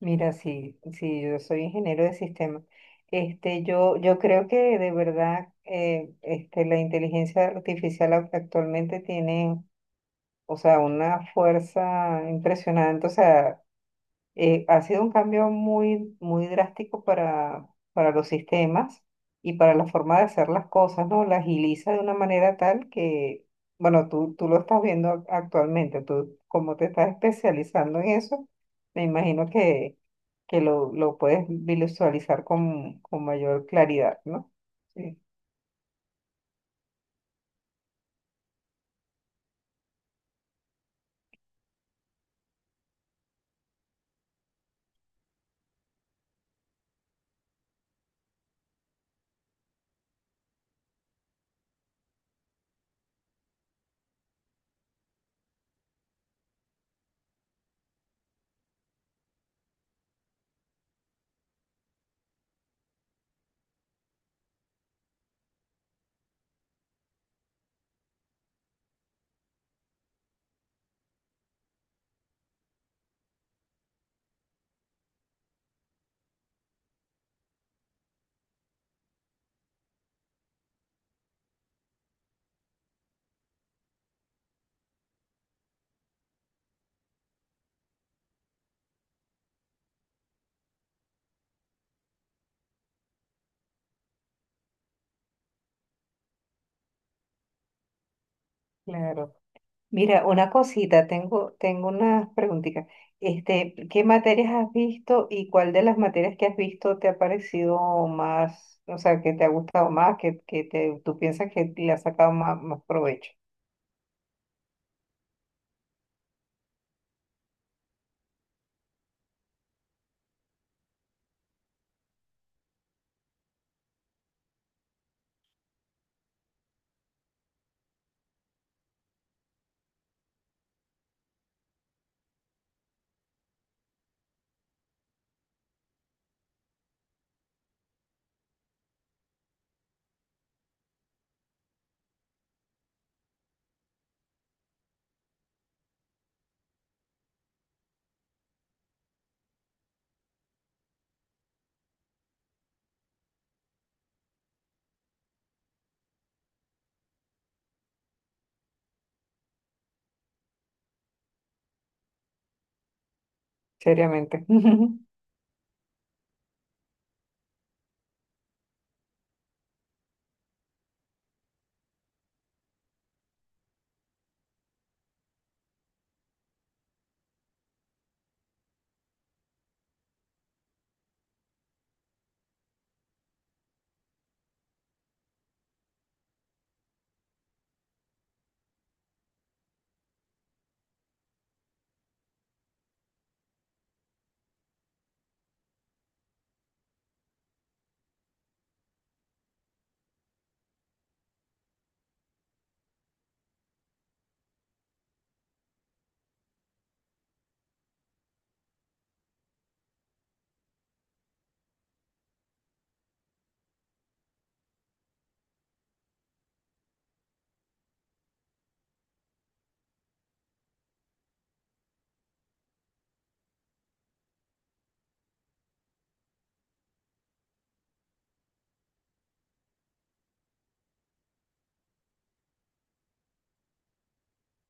Mira, sí, sí, yo soy ingeniero de sistemas. Yo creo que de verdad la inteligencia artificial actualmente tiene una fuerza impresionante. O sea, ha sido un cambio muy drástico para los sistemas y para la forma de hacer las cosas, ¿no? La agiliza de una manera tal que, bueno, tú lo estás viendo actualmente, tú como te estás especializando en eso, me imagino que lo puedes visualizar con mayor claridad, ¿no? Sí, claro. Mira, una cosita, tengo unas preguntitas. Este, ¿qué materias has visto y cuál de las materias que has visto te ha parecido más, o sea, que te ha gustado más, que te, tú piensas que le has sacado más, más provecho? Seriamente.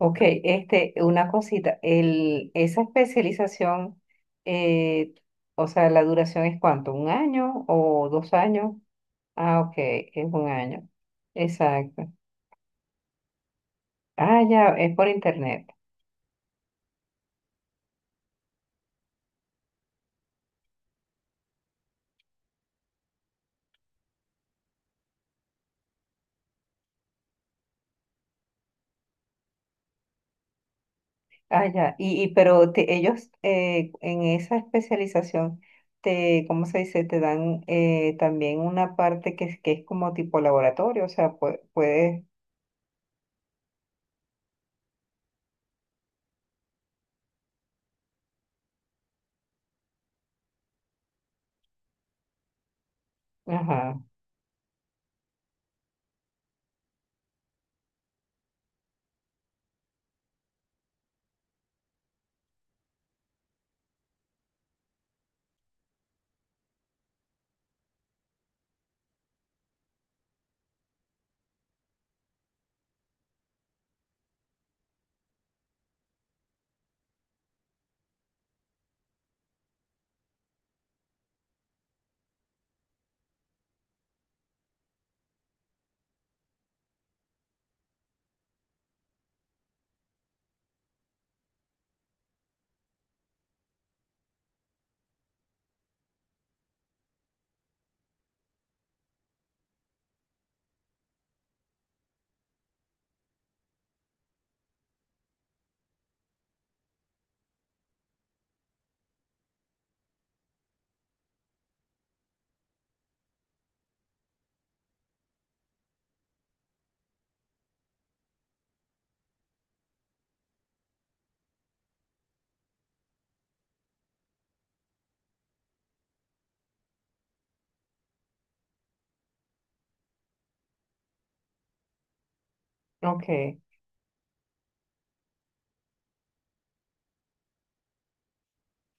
Ok, este, una cosita, el, esa especialización, eh, o sea, la duración es cuánto, ¿un año o dos años? Ah, ok, es un año. Exacto. Ah, ya, es por internet. Ah, ya. Y pero ellos en esa especialización te, ¿cómo se dice? Te dan también una parte que es como tipo laboratorio, o sea, puedes, ajá, ok,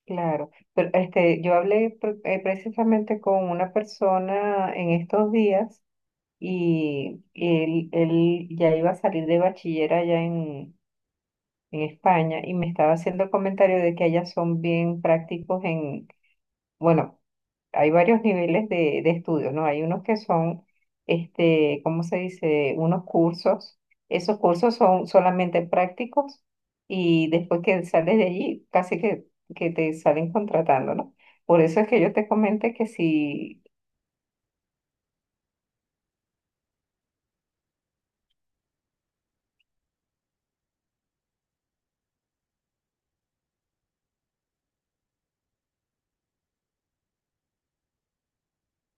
claro. Pero este, yo hablé precisamente con una persona en estos días y él ya iba a salir de bachiller allá en España y me estaba haciendo el comentario de que allá son bien prácticos en, bueno, hay varios niveles de estudios, ¿no? Hay unos que son, este, ¿cómo se dice? Unos cursos. Esos cursos son solamente prácticos y después que sales de allí, casi que te salen contratando, ¿no? Por eso es que yo te comenté que si,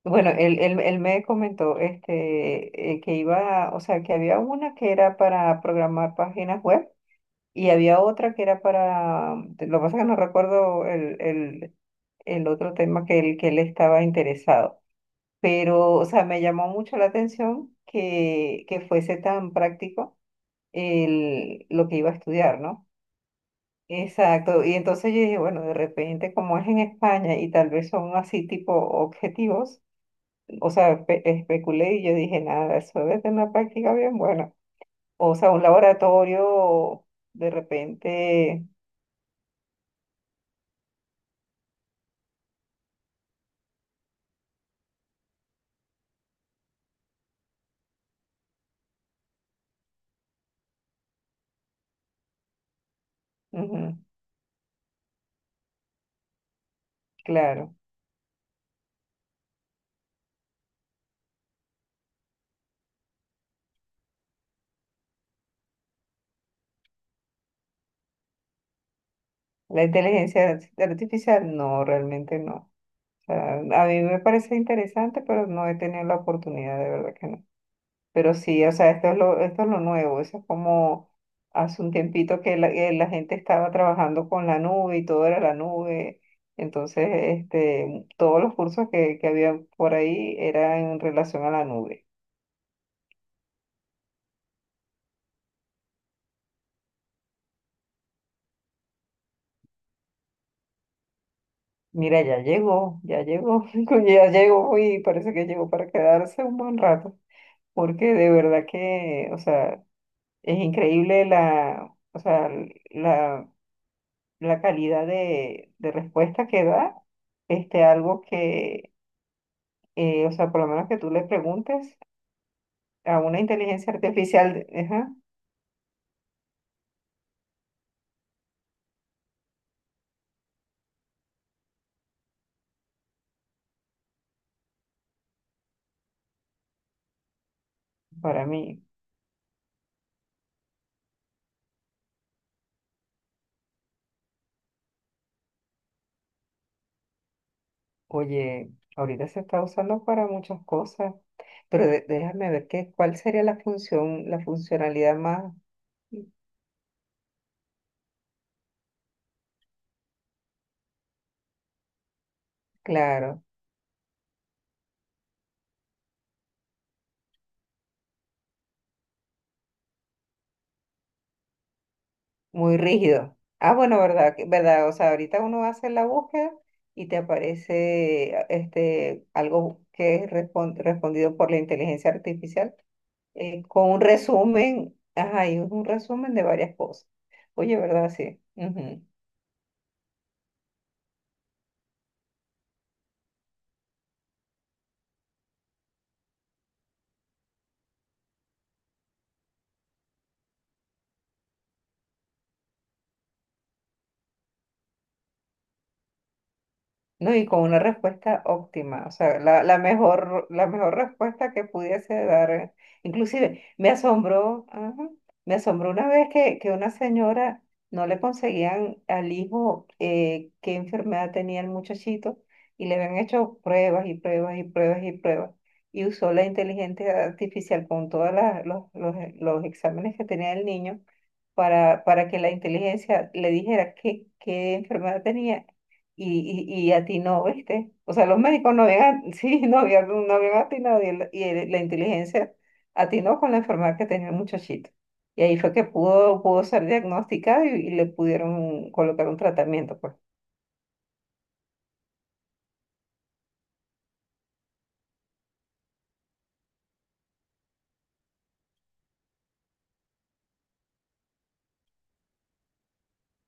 bueno, él me comentó este, que iba, o sea, que había una que era para programar páginas web y había otra que era para, lo que pasa es que no recuerdo el otro tema que él estaba interesado. Pero, o sea, me llamó mucho la atención que fuese tan práctico el, lo que iba a estudiar, ¿no? Exacto. Y entonces yo dije, bueno, de repente, como es en España y tal vez son así tipo objetivos, o sea, especulé y yo dije, nada, eso debe tener una práctica bien buena. O sea, un laboratorio, de repente, ujú, claro. La inteligencia artificial, no, realmente no. O sea, a mí me parece interesante, pero no he tenido la oportunidad, de verdad que no. Pero sí, o sea, esto es lo nuevo, eso es como hace un tiempito que la gente estaba trabajando con la nube y todo era la nube. Entonces, este, todos los cursos que había por ahí eran en relación a la nube. Mira, ya llegó, coño, ya llegó y parece que llegó para quedarse un buen rato, porque de verdad que, o sea, es increíble la, o sea, la la calidad de respuesta que da, este, algo que, o sea, por lo menos que tú le preguntes a una inteligencia artificial, ajá, para mí, oye, ahorita se está usando para muchas cosas, pero déjame ver qué, cuál sería la función, la funcionalidad más, claro, muy rígido. Ah, bueno, verdad, verdad, o sea, ahorita uno hace la búsqueda y te aparece este, algo que es respondido por la inteligencia artificial con un resumen, ajá, y un resumen de varias cosas. Oye, ¿verdad? Sí. Ujú. No, y con una respuesta óptima, o sea, la, la mejor respuesta que pudiese dar. Eh. Inclusive, me asombró, ajá, me asombró una vez que una señora no le conseguían al hijo qué enfermedad tenía el muchachito y le habían hecho pruebas y pruebas y pruebas y pruebas y usó la inteligencia artificial con todos los, los exámenes que tenía el niño para que la inteligencia le dijera qué, qué enfermedad tenía y atinó, ¿viste? O sea, los médicos no habían, sí, no habían, no habían atinado y, la inteligencia atinó con la enfermedad que tenía el muchachito. Y ahí fue que pudo, pudo ser diagnosticado y le pudieron colocar un tratamiento, pues.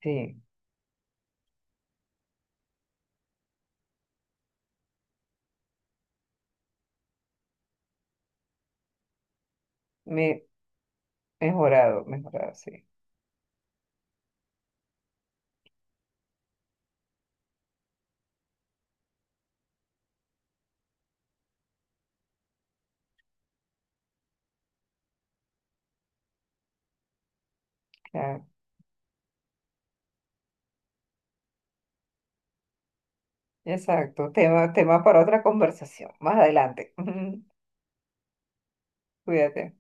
Sí, me, mejorado, mejorado, sí. Claro. Exacto, tema, tema para otra conversación, más adelante. Cuídate.